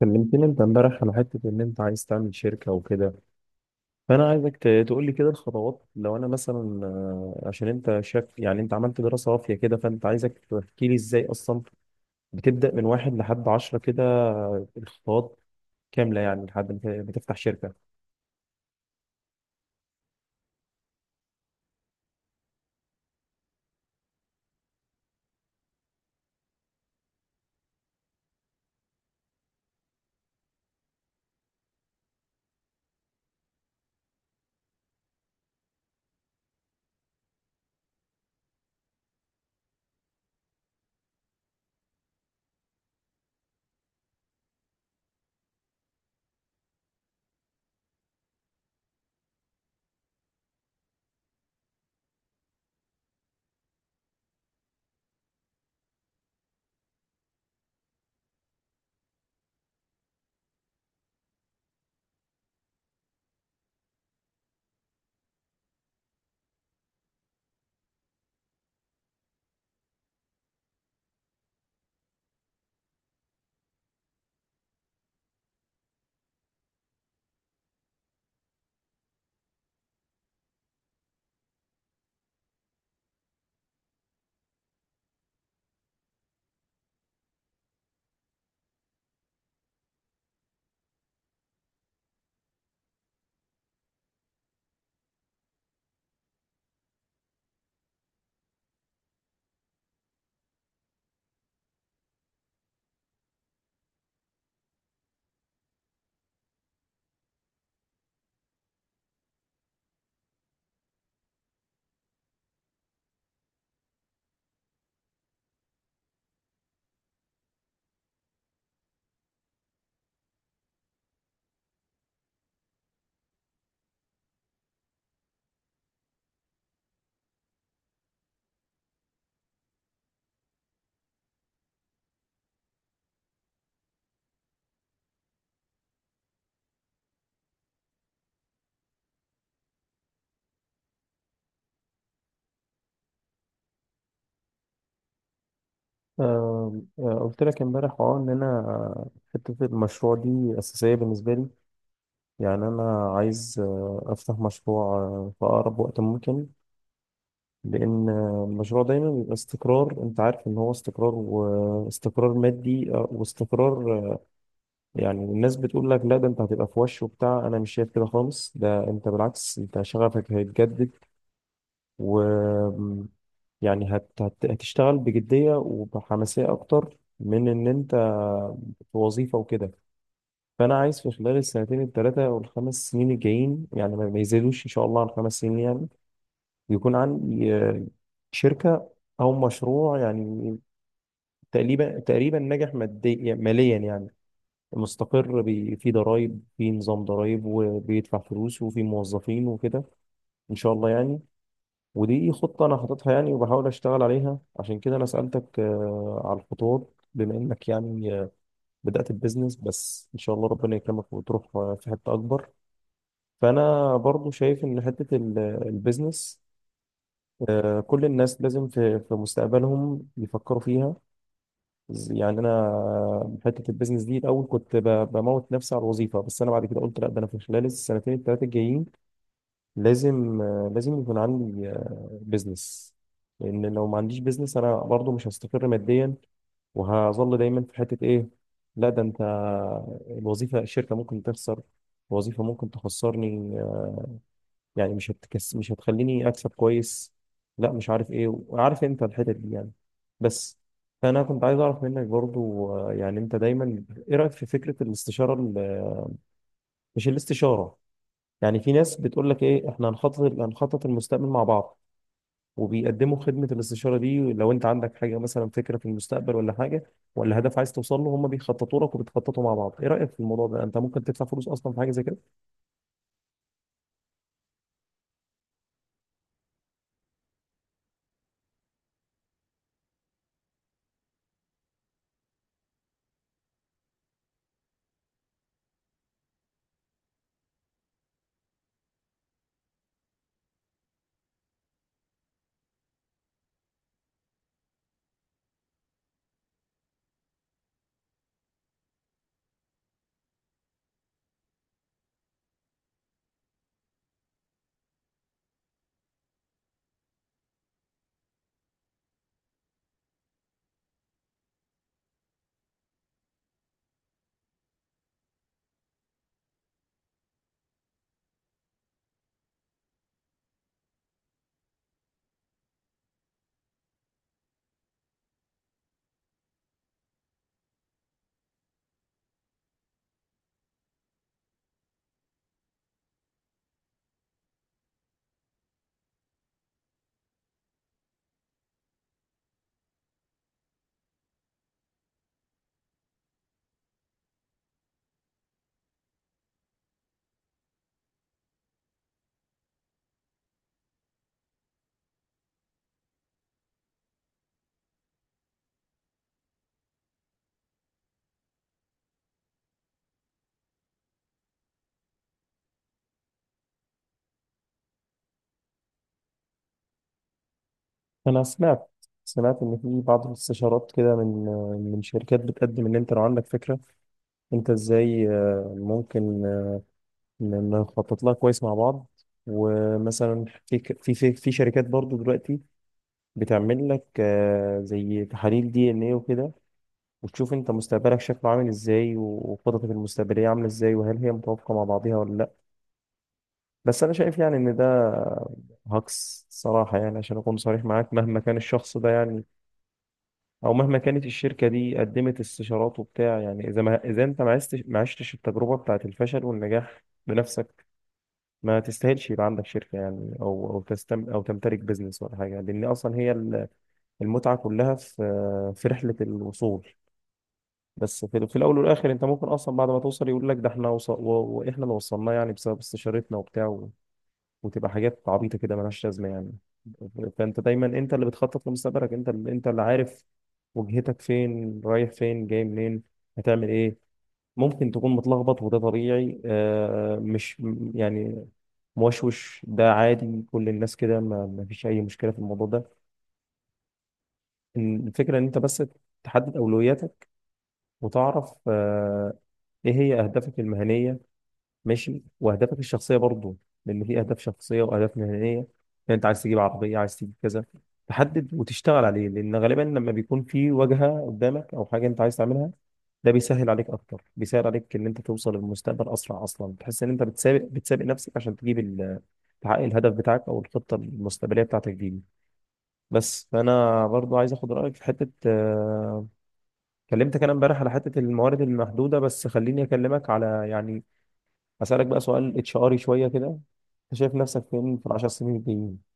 كلمتني انت امبارح على حته ان انت عايز تعمل شركه وكده. فانا عايزك تقول لي كده الخطوات لو انا مثلا، عشان انت شاف يعني انت عملت دراسه وافيه كده، فانت عايزك تحكي لي ازاي اصلا بتبدا من 1 لحد 10 كده، الخطوات كامله يعني لحد ما بتفتح شركه. قلت لك امبارح ان انا حته المشروع دي اساسيه بالنسبه لي. يعني انا عايز افتح مشروع في اقرب وقت ممكن، لأن المشروع دايما بيبقى استقرار، أنت عارف إن هو استقرار، واستقرار مادي واستقرار، يعني الناس بتقول لك لا ده أنت هتبقى في وش وبتاع. أنا مش شايف كده خالص، ده أنت بالعكس أنت شغفك هيتجدد و يعني هتشتغل بجدية وبحماسية أكتر من إن أنت في وظيفة وكده. فأنا عايز في خلال السنتين التلاتة والخمس سنين الجايين، يعني ما يزيدوش إن شاء الله عن 5 سنين يعني، ويكون عندي شركة أو مشروع يعني، تقريبا تقريبا ناجح ماديا ماليا يعني، مستقر في ضرايب، في نظام ضرايب وبيدفع فلوس وفي موظفين وكده إن شاء الله يعني. ودي خطة أنا حاططها يعني، وبحاول أشتغل عليها. عشان كده أنا سألتك على الخطوات بما إنك يعني بدأت البيزنس، بس إن شاء الله ربنا يكرمك وتروح في حتة أكبر. فأنا برضو شايف إن حتة البيزنس، كل الناس لازم في مستقبلهم يفكروا فيها. يعني انا حته البيزنس دي الاول كنت بموت نفسي على الوظيفه، بس انا بعد كده قلت لا، ده انا في خلال السنتين الثلاثه الجايين لازم يكون عندي بيزنس. لان لو ما عنديش بيزنس انا برضو مش هستقر ماديا، وهظل دايما في حته ايه؟ لا ده انت، الوظيفه، الشركه ممكن تخسر، الوظيفه ممكن تخسرني، يعني مش هتخليني اكسب كويس، لا مش عارف ايه، وعارف انت الحتت دي يعني، بس. فانا كنت عايز اعرف منك برضو يعني انت دايما، ايه رايك في فكره مش الاستشاره، يعني في ناس بتقول لك ايه احنا هنخطط المستقبل مع بعض، وبيقدموا خدمه الاستشاره دي. لو انت عندك حاجه مثلا، فكره في المستقبل ولا حاجه، ولا هدف عايز توصل له، هم بيخططوا لك وبتخططوا مع بعض. ايه رايك في الموضوع ده؟ انت ممكن تدفع فلوس اصلا في حاجه زي كده؟ أنا سمعت إن في بعض الاستشارات كده من شركات بتقدم إن أنت لو عندك فكرة، أنت إزاي ممكن، نخطط لها كويس مع بعض، ومثلا في في شركات برضو دلوقتي بتعمل لك زي تحاليل دي إن إيه وكده، وتشوف أنت مستقبلك شكله عامل إزاي، وخططك المستقبلية عاملة إزاي، وهل هي متوافقة مع بعضها ولا لأ. بس أنا شايف يعني إن ده هاكس صراحة، يعني عشان أكون صريح معاك مهما كان الشخص ده يعني، او مهما كانت الشركه دي قدمت استشارات وبتاع، يعني اذا انت ما عشتش التجربه بتاعت الفشل والنجاح بنفسك، ما تستاهلش يبقى عندك شركه يعني، او تمتلك بزنس ولا حاجه. لان اصلا هي المتعه كلها في رحله الوصول. بس في الاول والاخر انت ممكن اصلا بعد ما توصل يقول لك ده احنا واحنا اللي وصلناه يعني بسبب استشارتنا وبتاع، وتبقى حاجات عبيطه كده ملهاش لازمه يعني. فانت دايما انت اللي بتخطط لمستقبلك، انت اللي عارف وجهتك، فين رايح فين جاي منين، هتعمل ايه. ممكن تكون متلخبط، وده طبيعي آه مش م- يعني موشوش، ده عادي كل الناس كده، ما فيش اي مشكله في الموضوع ده. إن- الفكره ان انت بس تحدد اولوياتك، وتعرف ايه هي اهدافك المهنيه، ماشي، واهدافك الشخصيه برضو، لان في اهداف شخصيه واهداف مهنيه يعني. انت عايز تجيب عربيه، عايز تجيب كذا، تحدد وتشتغل عليه، لان غالبا لما بيكون في واجهه قدامك او حاجه انت عايز تعملها، ده بيسهل عليك اكتر، بيسهل عليك ان انت توصل للمستقبل اسرع، اصلا تحس ان انت بتسابق نفسك عشان تجيب تحقق الهدف بتاعك او الخطه المستقبليه بتاعتك دي. بس فانا برضو عايز اخد رايك في حته، كلمتك انا امبارح على حته الموارد المحدوده، بس خليني اكلمك على يعني، هسألك بقى سؤال HR شوية كده، انت شايف نفسك فين في 10 سنين الجايين؟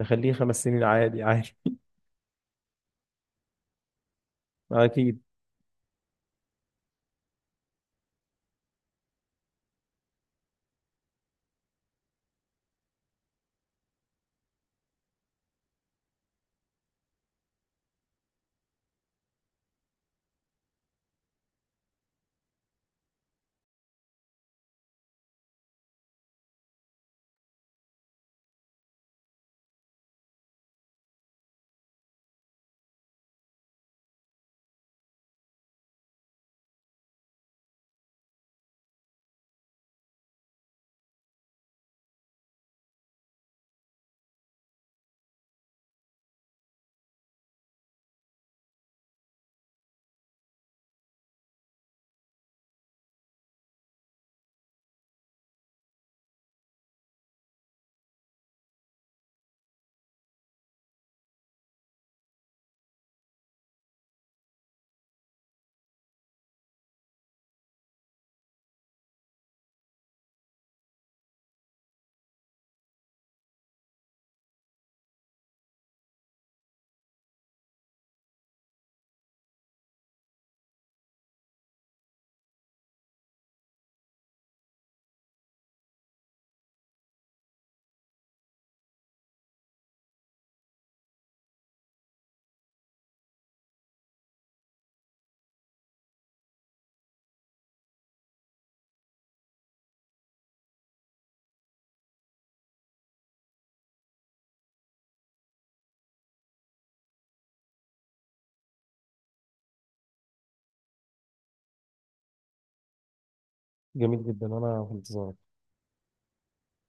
نخليه 5 سنين، عادي عادي. اكيد. جميل جدا، انا في انتظارك.